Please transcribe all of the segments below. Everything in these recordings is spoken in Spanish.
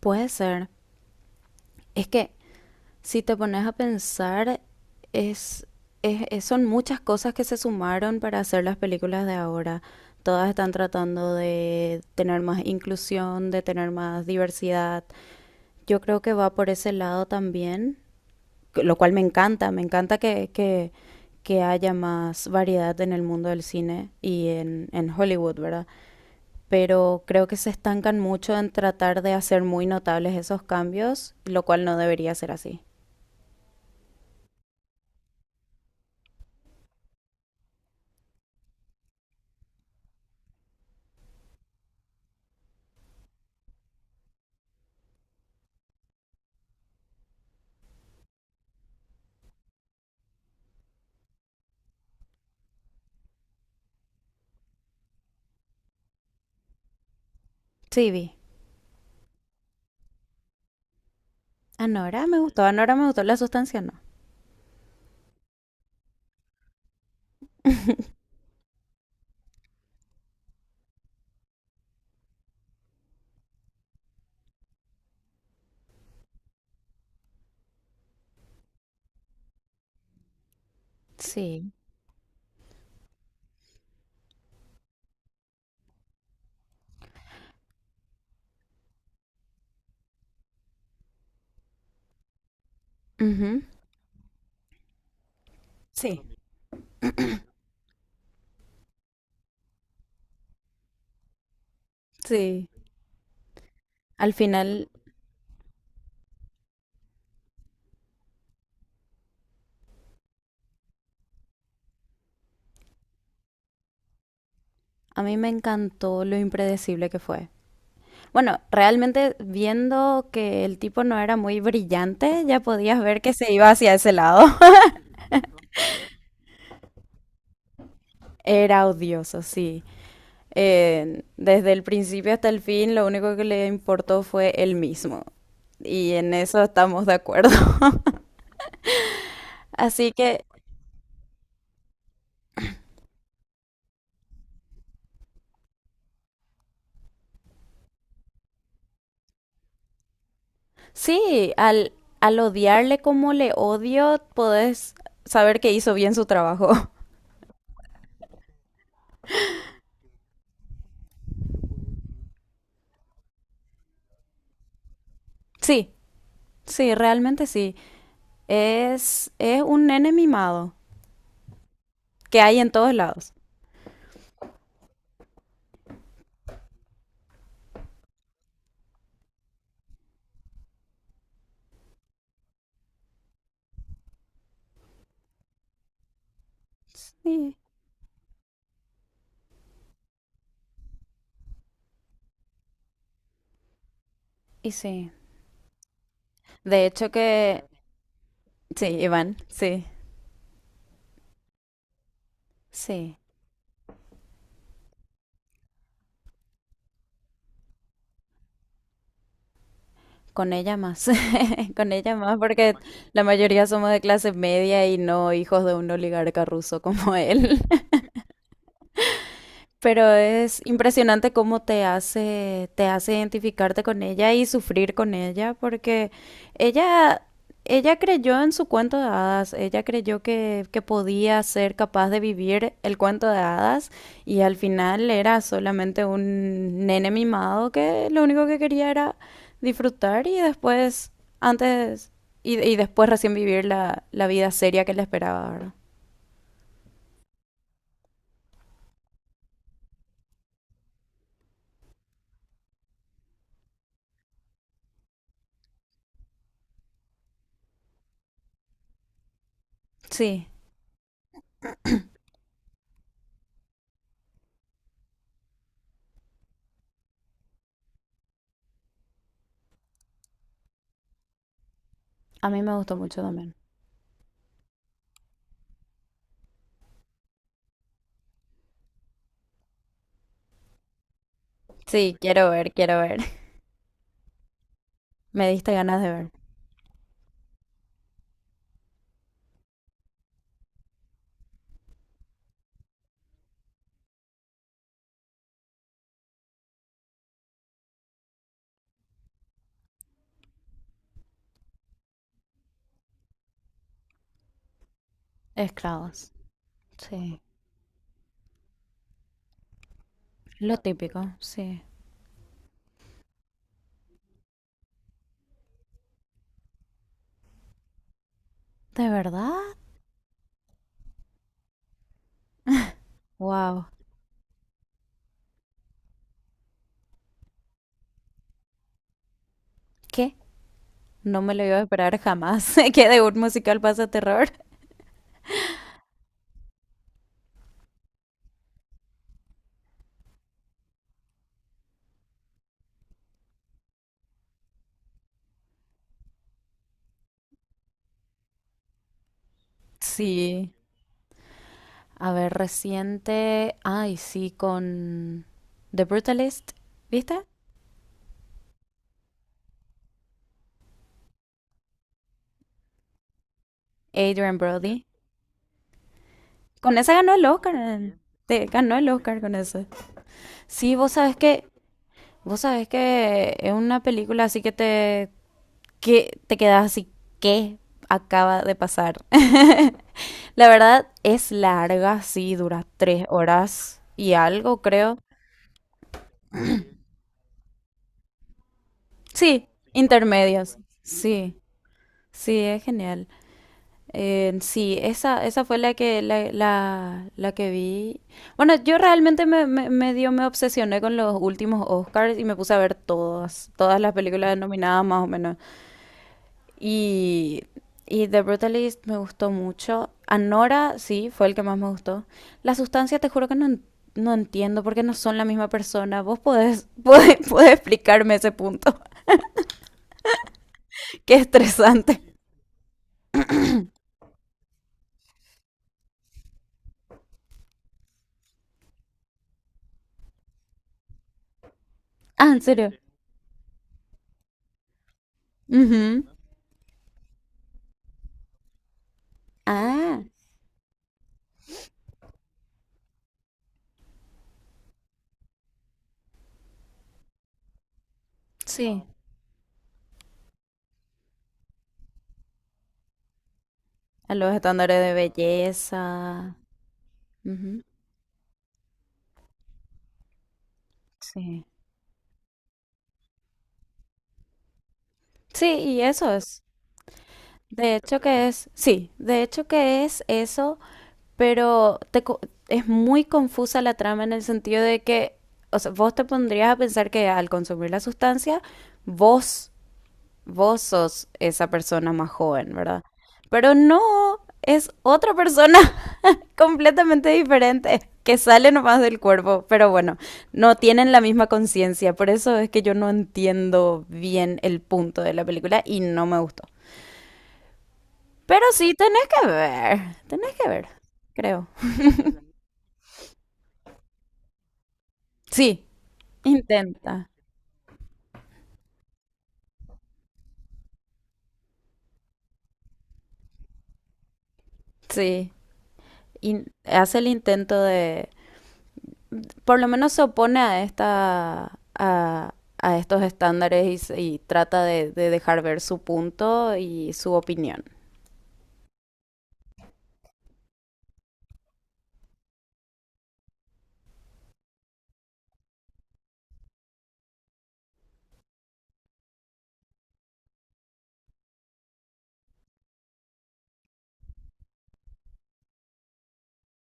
Puede ser. Es que si te pones a pensar, es, son muchas cosas que se sumaron para hacer las películas de ahora. Todas están tratando de tener más inclusión, de tener más diversidad. Yo creo que va por ese lado también, lo cual me encanta. Me encanta que haya más variedad en el mundo del cine y en Hollywood, ¿verdad? Pero creo que se estancan mucho en tratar de hacer muy notables esos cambios, lo cual no debería ser así. Sí, vi. Anora me gustó, la sustancia no. Sí. Ujú. Sí. Sí. Al final, a mí me encantó lo impredecible que fue. Bueno, realmente viendo que el tipo no era muy brillante, ya podías ver que se iba hacia ese lado. Era odioso, sí. Desde el principio hasta el fin, lo único que le importó fue él mismo. Y en eso estamos de acuerdo. Así que sí, al odiarle como le odio, podés saber que hizo bien su trabajo. Sí, sí, realmente sí. Es un nene mimado que hay en todos lados. Sí, y sí. De hecho que... Sí, Iván, sí, sí. Con ella más. Con ella más, porque la mayoría somos de clase media y no hijos de un oligarca ruso como él. Pero es impresionante cómo te hace identificarte con ella y sufrir con ella, porque ella, ella creyó en su cuento de hadas, ella creyó que podía ser capaz de vivir el cuento de hadas y al final era solamente un nene mimado que lo único que quería era disfrutar y después, antes, y después recién vivir la vida seria que le esperaba, ¿verdad? Sí, a mí me gustó mucho también. Sí, quiero ver, quiero ver. Me diste ganas de ver. Esclavos. Sí. Lo típico, sí. ¿De verdad? Wow. ¿Qué? No me lo iba a esperar jamás. ¿Que de un musical pasa terror? Sí. A ver, reciente. Ay, sí, con The Brutalist. ¿Viste? Adrian Brody. Con esa ganó el Oscar. Ganó el Oscar con eso. Sí, vos sabés que. Vos sabés que es una película así que te. Que te quedas así. ¿Qué acaba de pasar? La verdad es larga, sí, dura 3 horas y algo, creo. Sí, intermedias. Sí, sí, es genial. Sí, esa fue la que vi. Bueno, yo realmente me obsesioné con los últimos Oscars y me puse a ver todas las películas nominadas más o menos. Y, y The Brutalist me gustó mucho. Anora, sí, fue el que más me gustó. La sustancia, te juro que no, no entiendo porque no son la misma persona. Vos podés, podés explicarme ese punto. Qué estresante. Ah, ¿en serio? Ujú. Ah, sí. A los estándares de belleza. Ujú. Sí. Sí, y eso es. De hecho que es, sí, de hecho que es eso pero es muy confusa la trama en el sentido de que, o sea, vos te pondrías a pensar que al consumir la sustancia, vos, vos sos esa persona más joven, ¿verdad? Pero no, es otra persona completamente diferente que sale nomás del cuerpo, pero bueno, no tienen la misma conciencia, por eso es que yo no entiendo bien el punto de la película y no me gustó. Pero sí, tenés que ver, creo. Sí, intenta. Sí, y hace el intento de, por lo menos se opone a estos estándares y trata de dejar ver su punto y su opinión.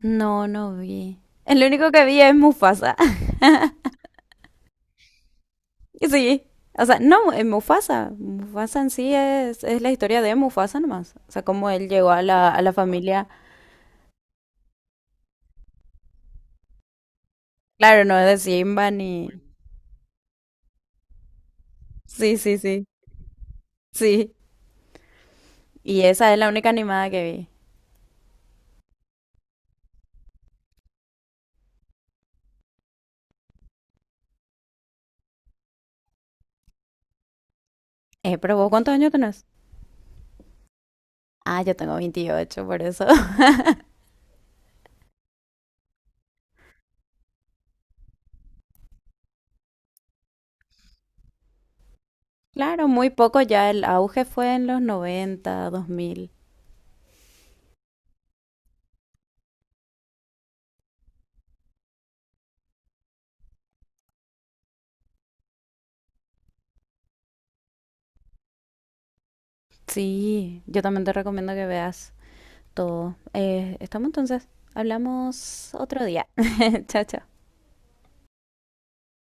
No, no vi. El único que vi es Mufasa. Sí, o sea, no, es Mufasa. Mufasa en sí es la historia de Mufasa nomás. O sea, cómo él llegó a la familia. Claro, no es de Simba ni... Sí, sí, sí, sí. Y esa es la única animada que vi. Pero vos, ¿cuántos años tenés? Ah, yo tengo 28, por eso. Claro, muy poco ya. El auge fue en los 90, 2000. Sí, yo también te recomiendo que veas todo. Estamos entonces. Hablamos otro día. Chao, chao.